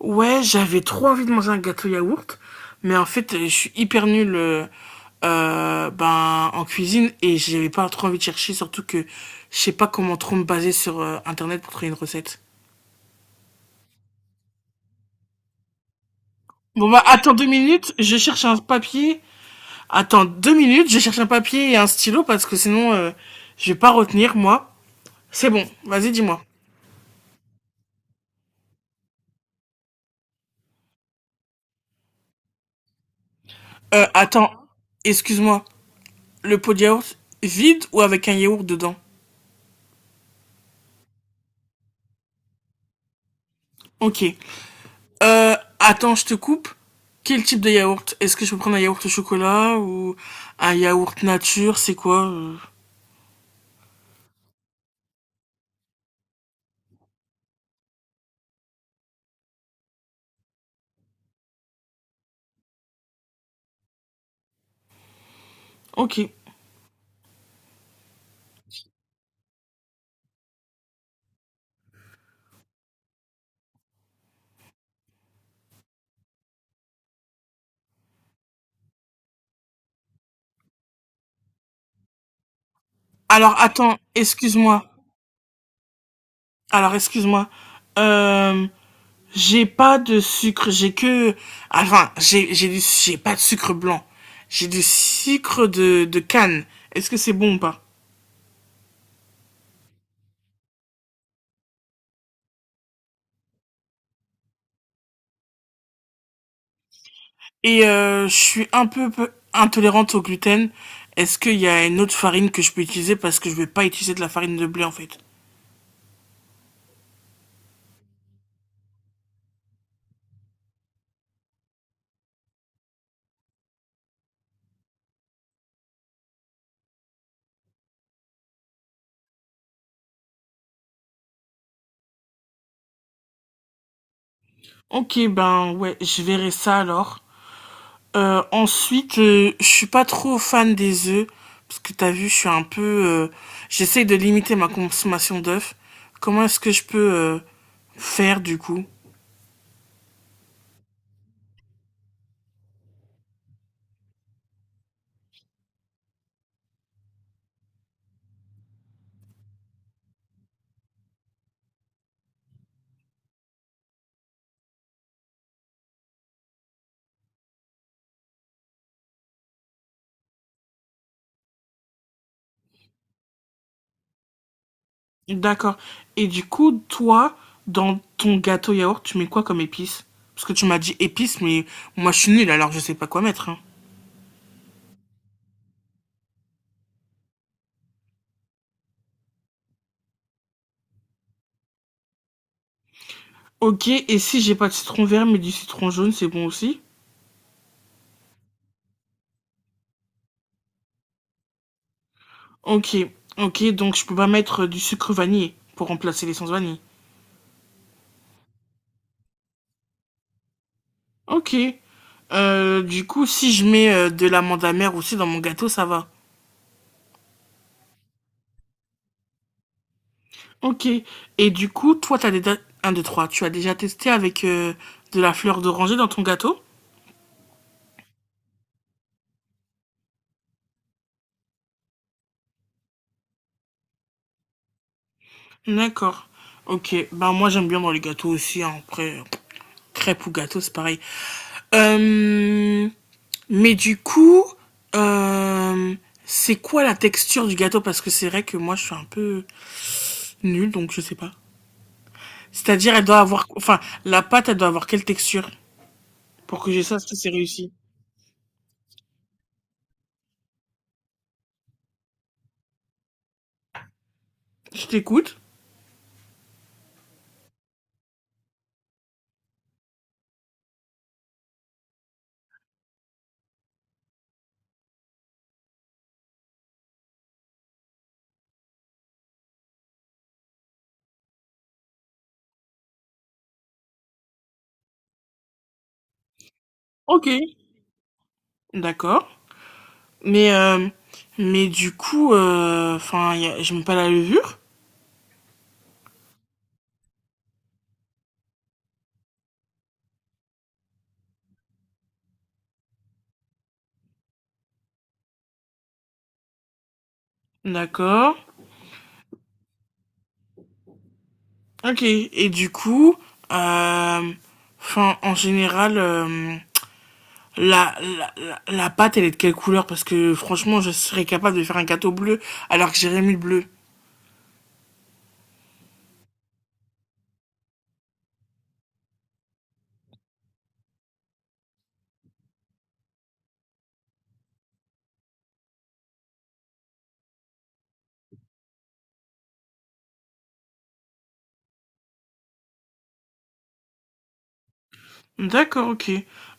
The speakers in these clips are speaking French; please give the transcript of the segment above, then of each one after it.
Ouais, j'avais trop envie de manger un gâteau yaourt, mais en fait, je suis hyper nul en cuisine et j'avais pas trop envie de chercher, surtout que je sais pas comment trop me baser sur Internet pour trouver une recette. Bon bah attends 2 minutes, je cherche un papier. Attends deux minutes, je cherche un papier et un stylo parce que sinon je vais pas retenir moi. C'est bon, vas-y dis-moi. Attends, excuse-moi, le pot de yaourt vide ou avec un yaourt dedans? Ok. Attends, je te coupe. Quel type de yaourt? Est-ce que je peux prendre un yaourt au chocolat ou un yaourt nature? C'est quoi Ok. Alors attends, excuse-moi. Alors excuse-moi. Euh, j'ai pas de sucre. J'ai que. Enfin, j'ai du. J'ai pas de sucre blanc. J'ai du sucre de canne. Est-ce que c'est bon ou pas? Et je suis un peu, peu intolérante au gluten. Est-ce qu'il y a une autre farine que je peux utiliser parce que je vais pas utiliser de la farine de blé en fait? Ok, ben ouais, je verrai ça alors. Ensuite, je suis pas trop fan des œufs, parce que t'as vu, je suis un peu... j'essaie de limiter ma consommation d'œufs. Comment est-ce que je peux faire du coup? D'accord. Et du coup, toi, dans ton gâteau yaourt, tu mets quoi comme épice? Parce que tu m'as dit épices, mais moi je suis nulle, alors je sais pas quoi mettre, hein. Ok, et si j'ai pas de citron vert, mais du citron jaune, c'est bon aussi? Ok, ok, donc je peux pas mettre du sucre vanillé pour remplacer l'essence vanille. Ok. Du coup, si je mets de l'amande amère aussi dans mon gâteau, ça va. Ok. Et du coup, toi, t'as déjà... un 2, 3. Tu as déjà testé avec de la fleur d'oranger dans ton gâteau? D'accord. Ok. Ben, moi, j'aime bien dans les gâteaux aussi, hein. Après, crêpes ou gâteau, c'est pareil. Euh, Mais du coup, euh, c'est quoi la texture du gâteau? Parce que c'est vrai que moi, je suis un peu nulle, donc je sais pas. C'est-à-dire, elle doit avoir... Enfin, la pâte, elle doit avoir quelle texture? Pour que j'ai ça, ça c'est réussi. Je t'écoute. Ok, d'accord. Mais, euh, mais du coup, je mets pas la levure. D'accord. Ok. Et du coup, euh, en général, la pâte, elle est de quelle couleur? Parce que franchement, je serais capable de faire un gâteau bleu alors que j'ai rien mis le bleu. D'accord, ok.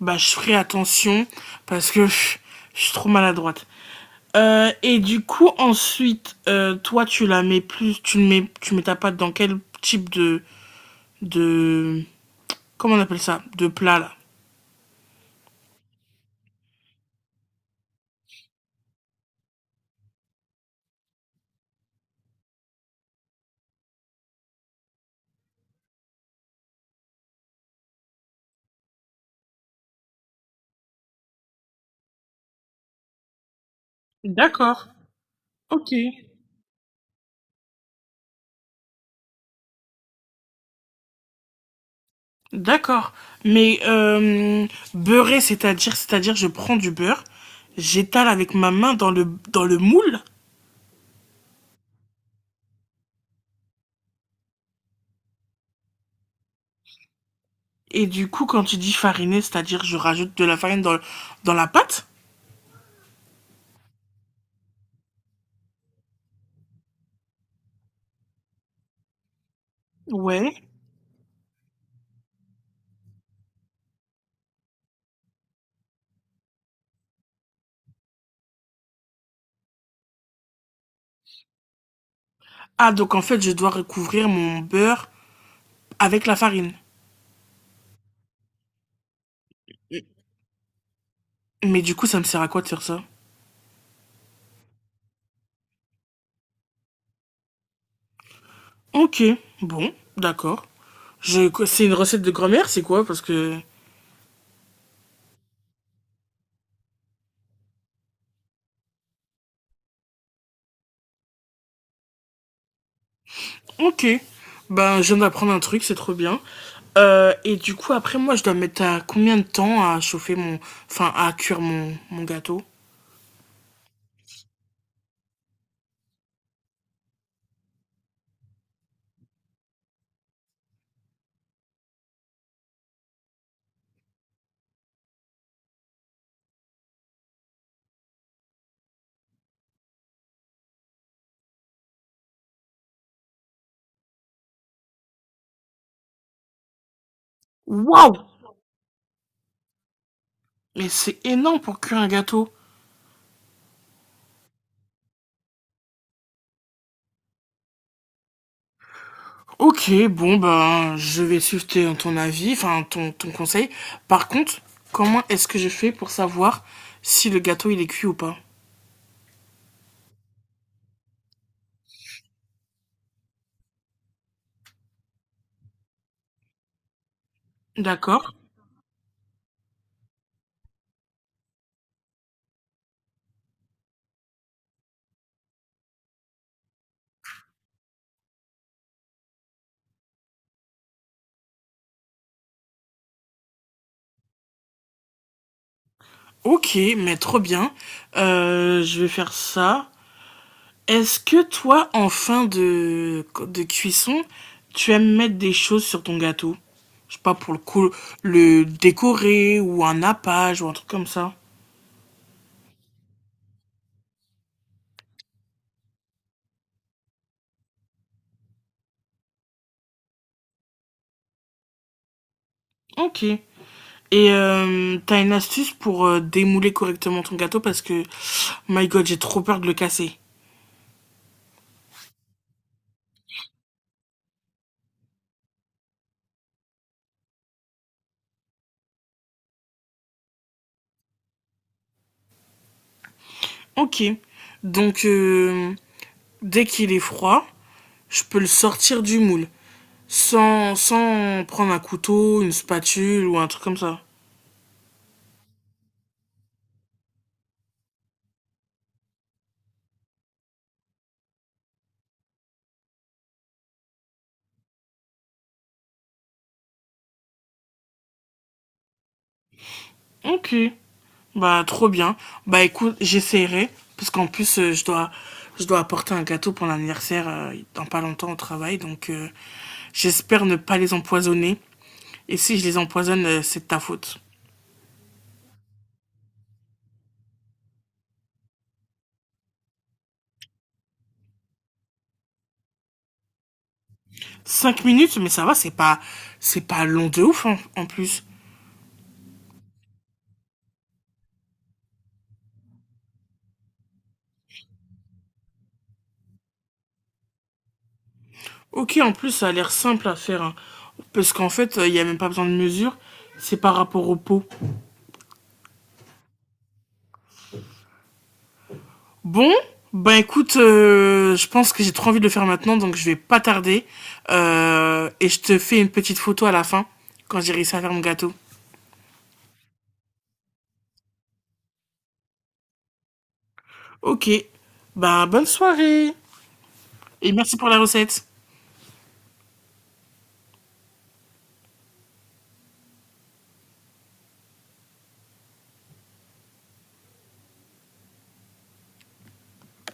Bah, je ferai attention parce que pff, je suis trop maladroite. Et du coup, ensuite, toi, tu la mets plus, tu le mets, tu mets ta pâte dans quel type de comment on appelle ça, de plat là? D'accord, ok. D'accord. Mais beurrer, c'est-à-dire, je prends du beurre, j'étale avec ma main dans le moule, et du coup, quand tu dis fariner, c'est-à-dire, je rajoute de la farine dans la pâte. Ouais. Ah, donc en fait, je dois recouvrir mon beurre avec la farine. Mais du coup, ça me sert à quoi de faire ça? Ok, bon, d'accord. Je... C'est une recette de grand-mère, c'est quoi? Parce que... Ok, ben je viens d'apprendre un truc, c'est trop bien. Et du coup, après, moi, je dois mettre à combien de temps à chauffer mon... Enfin, à cuire mon gâteau? Waouh! Mais c'est énorme pour cuire un gâteau. Ok, bon ben, je vais suivre ton avis, enfin ton conseil. Par contre, comment est-ce que je fais pour savoir si le gâteau il est cuit ou pas? D'accord. Ok, mais trop bien. Je vais faire ça. Est-ce que toi, en fin de cuisson, tu aimes mettre des choses sur ton gâteau? Je sais pas, pour le décorer ou un nappage ou un truc comme ça. Ok. Et t'as une astuce pour démouler correctement ton gâteau parce que, my god, j'ai trop peur de le casser. Ok. Donc, dès qu'il est froid, je peux le sortir du moule. Sans prendre un couteau, une spatule ou un truc comme ça. Ok. Bah, trop bien. Bah, écoute, j'essaierai. Parce qu'en plus, je dois apporter un gâteau pour l'anniversaire dans pas longtemps au travail. Donc, j'espère ne pas les empoisonner. Et si je les empoisonne, c'est de ta faute. 5 minutes, mais ça va, c'est pas long de ouf en, en plus. Ok, en plus, ça a l'air simple à faire, hein. Parce qu'en fait, il n'y a même pas besoin de mesure. C'est par rapport au pot. Bon, bah écoute, je pense que j'ai trop envie de le faire maintenant, donc je vais pas tarder. Et je te fais une petite photo à la fin, quand j'ai réussi à faire mon gâteau. Ok, bah bonne soirée. Et merci pour la recette.